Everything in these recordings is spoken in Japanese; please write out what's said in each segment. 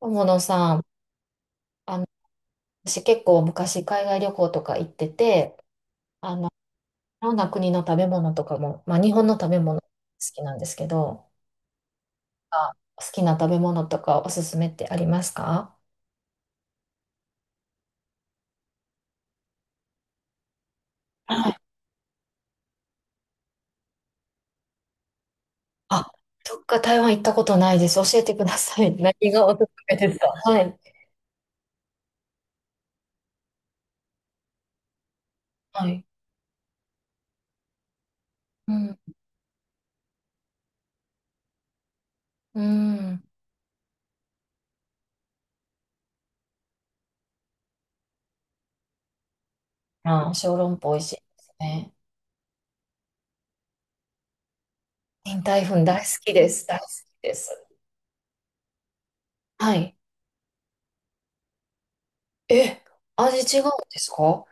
友野さん、あの、私結構昔海外旅行とか行ってて、いろんな国の食べ物とかも、まあ日本の食べ物好きなんですけど、あ、好きな食べ物とかおすすめってありますか？あ、どっか台湾行ったことないです。教えてください。何がおすすめですか？はい。はい。うん。うん。あ、小籠包美味しいですね。林台粉大好きです。大好きです。はい。え、味違うんですか？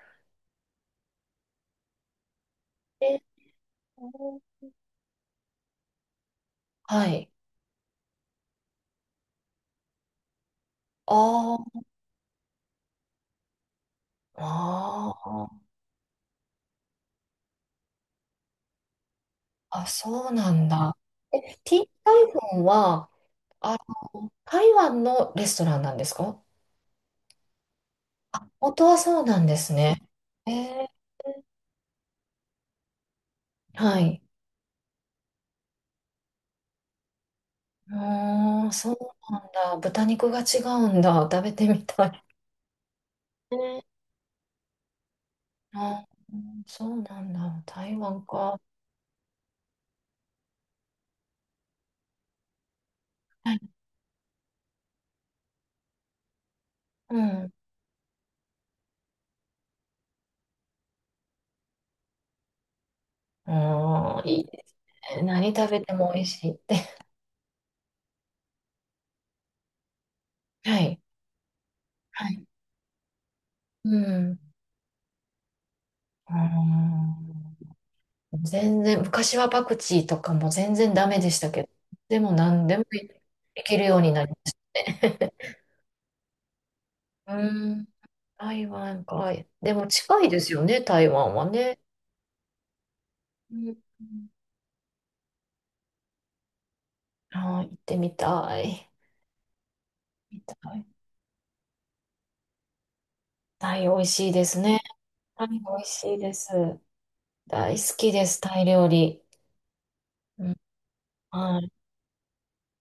え、はい。ああ。ああ、あ、そうなんだ。え、ティータイフォンは、あ、台湾のレストランなんですか？元はそうなんですね。えー、はい。うーん、そうなんだ。豚肉が違うんだ。食べてみたい。ね。あ。うん。そうなんだ。台湾か。はい。うん。うーん、いいですね。何食べても美味しいって。はい。はい。うん。うーん、全然、昔はパクチーとかも全然ダメでしたけど、でも何でもいけるようになりましたね。うん、台湾かい。でも近いですよね、台湾はね。うん、あー、行ってみたい。みたい。タイ美味しいですね。タイ美味しいです。大好きです、タイ料理。うん、はい、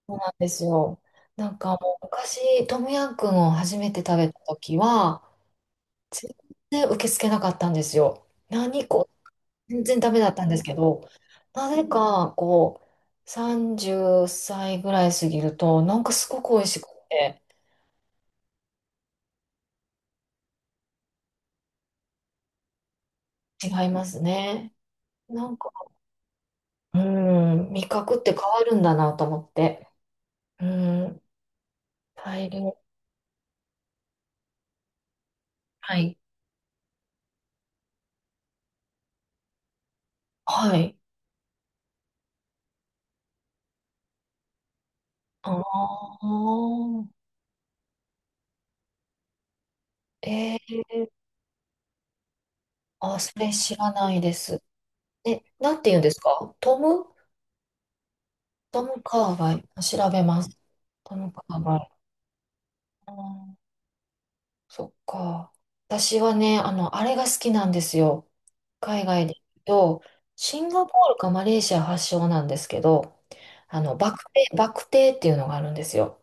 そうなんですよ。なんかもう昔、トムヤンクンを初めて食べた時は、全然受け付けなかったんですよ。何これ、全然ダメだったんですけど、なぜか、こう、30歳ぐらい過ぎると、なんかすごく美味しくて、違いますね。なんか、うん、味覚って変わるんだなと思って。うん、大量。はい。はい。ああ、えー、あ、それ知らないです。え、なんて言うんですかトム、トムカーバイ。調べます。トムカーバイ。そっか。私はね、あれが好きなんですよ。海外で言うと、シンガポールかマレーシア発祥なんですけど、バクテーっていうのがあるんですよ。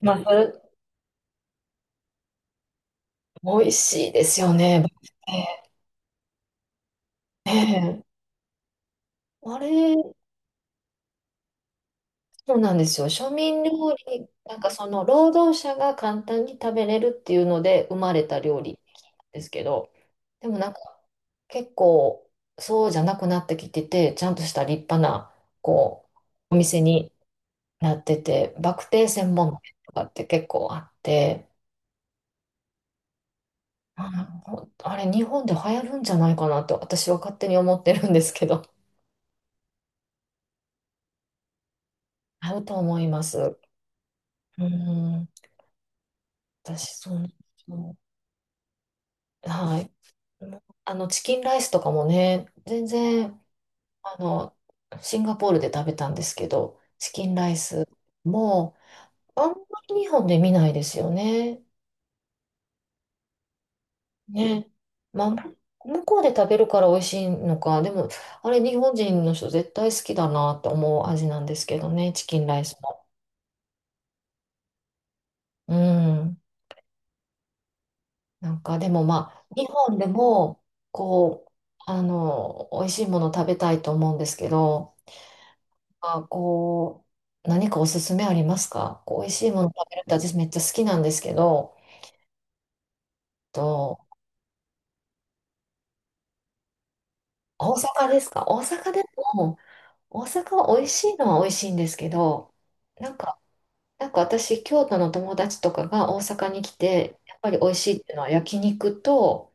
まあ、それ、美味しいですよね、バクテー。ねえ、あれ、そうなんですよ。庶民料理、なんかその労働者が簡単に食べれるっていうので生まれた料理ですけど、でもなんか結構そうじゃなくなってきてて、ちゃんとした立派なこうお店になってて、バクテー専門店とかって結構あって、あ、あれ日本で流行るんじゃないかなと私は勝手に思ってるんですけど、合うと思います。うん、私そう。はい。チキンライスとかもね、全然、あの、シンガポールで食べたんですけど、チキンライスも、あんまり日本で見ないですよね。ね。まあ、向こうで食べるから美味しいのか、でも、あれ、日本人の人絶対好きだなと思う味なんですけどね、チキンライスも。うん。なんか、でもまあ、日本でも、こう、美味しいもの食べたいと思うんですけど、あ、こう、何かおすすめありますか？こう、美味しいもの食べるって私めっちゃ好きなんですけど、と、大阪ですか？大阪でも、大阪は美味しいのは美味しいんですけど、なんか、私、京都の友達とかが大阪に来て、やっぱり美味しいっていうのは焼肉と、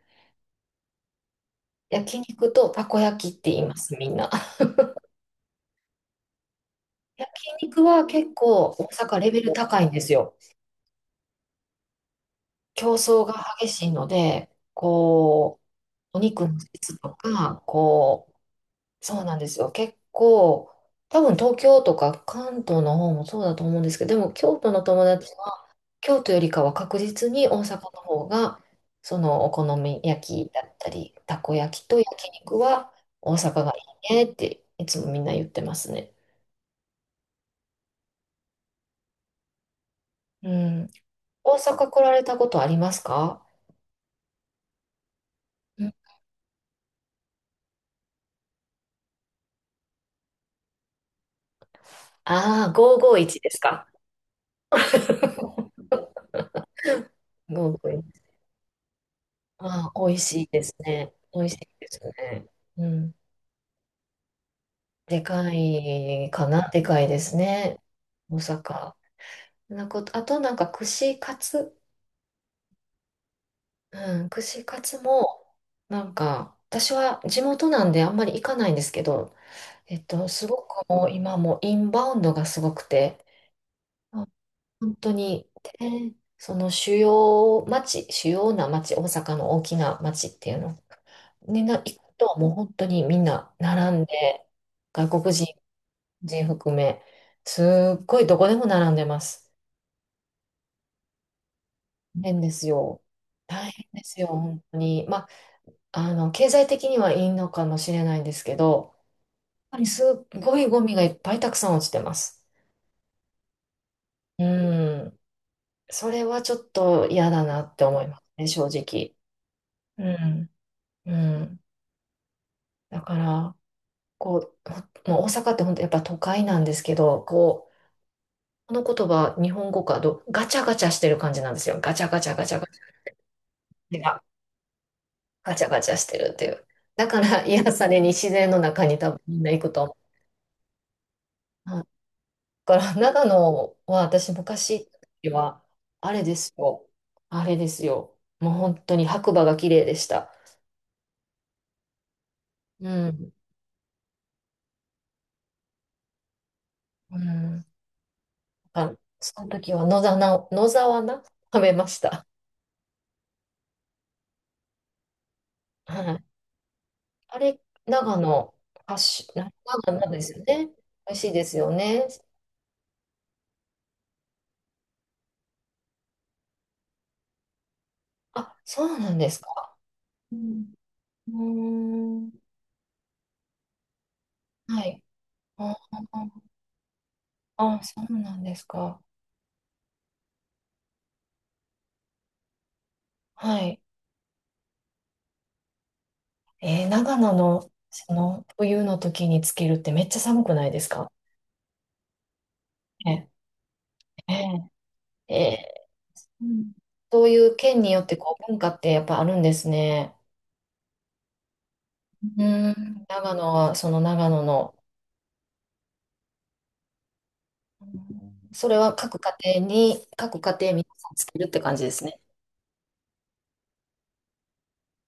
たこ焼きって言います、みんな。焼肉は結構大阪レベル高いんですよ。競争が激しいので、こう、お肉の質とか、こう、そうなんですよ。結構、多分東京とか関東の方もそうだと思うんですけど、でも京都の友達は京都よりかは確実に大阪の方が、そのお好み焼きだったり、たこ焼きと焼肉は大阪がいいねっていつもみんな言ってますね。うん。大阪来られたことありますか？ああー、551ですか？551。ああ、美味しいですね。美味しいですね。うん。でかいかな、でかいですね。大阪。なんか、あとなんか串カツ、うん、串カツも、なんか、私は地元なんであんまり行かないんですけど、すごくもう今もうインバウンドがすごくて、あ、本当に、で、その主要な町、大阪の大きな町っていうのにな行くと、もう本当にみんな並んで、外国人全含め。すっごいどこでも並んでます。大変ですよ。大変ですよ、本当に。まあ、経済的にはいいのかもしれないんですけど、やっぱりすっごいゴミがいっぱいたくさん落ちてます。うん。それはちょっと嫌だなって思いますね、正直。うん。うん。だから、こう、もう大阪って本当やっぱ都会なんですけど、こう、この言葉、日本語かど、ガチャガチャしてる感じなんですよ。ガチャガチャガチャガチャ。ガチャガチャしてるっていう。だから癒されに自然の中に多分みんな行くと思う。はい。だから長野は私昔行った時は、あれですよ。あれですよ。もう本当に白馬が綺麗でした。うん。うん。あ、その時は野沢菜食べました。はい。あれ、長野発祥、長野なんですよね。美味しいですよね。あ、そうなんですか。うん。うーん。はい。ああ、そうなんですか。はい。長野の、その、冬の時につけるってめっちゃ寒くないですか？ね、えー、えーうん、そういう県によってこう文化ってやっぱあるんですね。うん、長野はその長野の、うん、それは各家庭皆さんつけるって感じですね。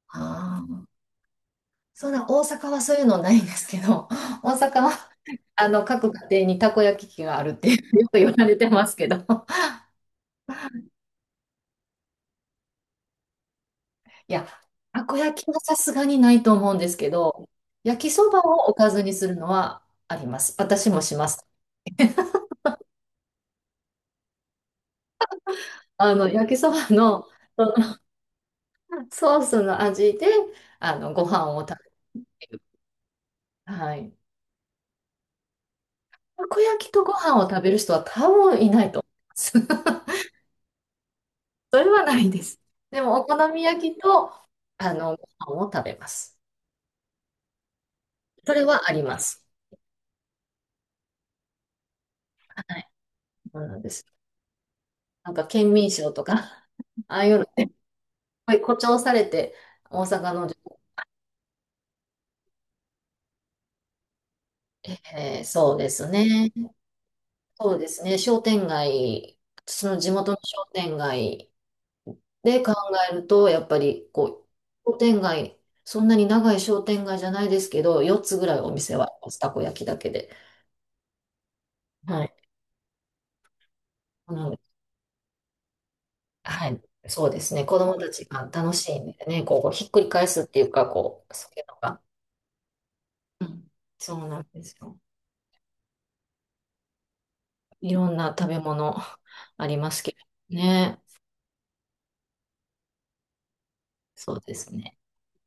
ああ、そんな大阪はそういうのないんですけど、大阪は 各家庭にたこ焼き器があるってよく言われてますけど。いや、たこ焼きはさすがにないと思うんですけど、焼きそばをおかずにするのはあります。私もします。焼きそばの、そのソースの味で、ご飯を食べ、はい。たこ焼きとご飯を食べる人は多分いないと思います。それはないです。でも、お好み焼きと、ご飯を食べます。それはあります。はい。そうなんです。なんか、県民賞とか、ああいうの、やっぱり誇張されて、大阪の女そうですね。そうですね。商店街、その地元の商店街で考えると、やっぱりこう、商店街、そんなに長い商店街じゃないですけど、4つぐらいお店はたこ焼きだけで。はい。なので、はい。そうですね。子供たちが楽しいんでね、こう、ひっくり返すっていうか、こう、そういうのが。うん。そうなんですよ。いろんな食べ物ありますけどね。そうですね。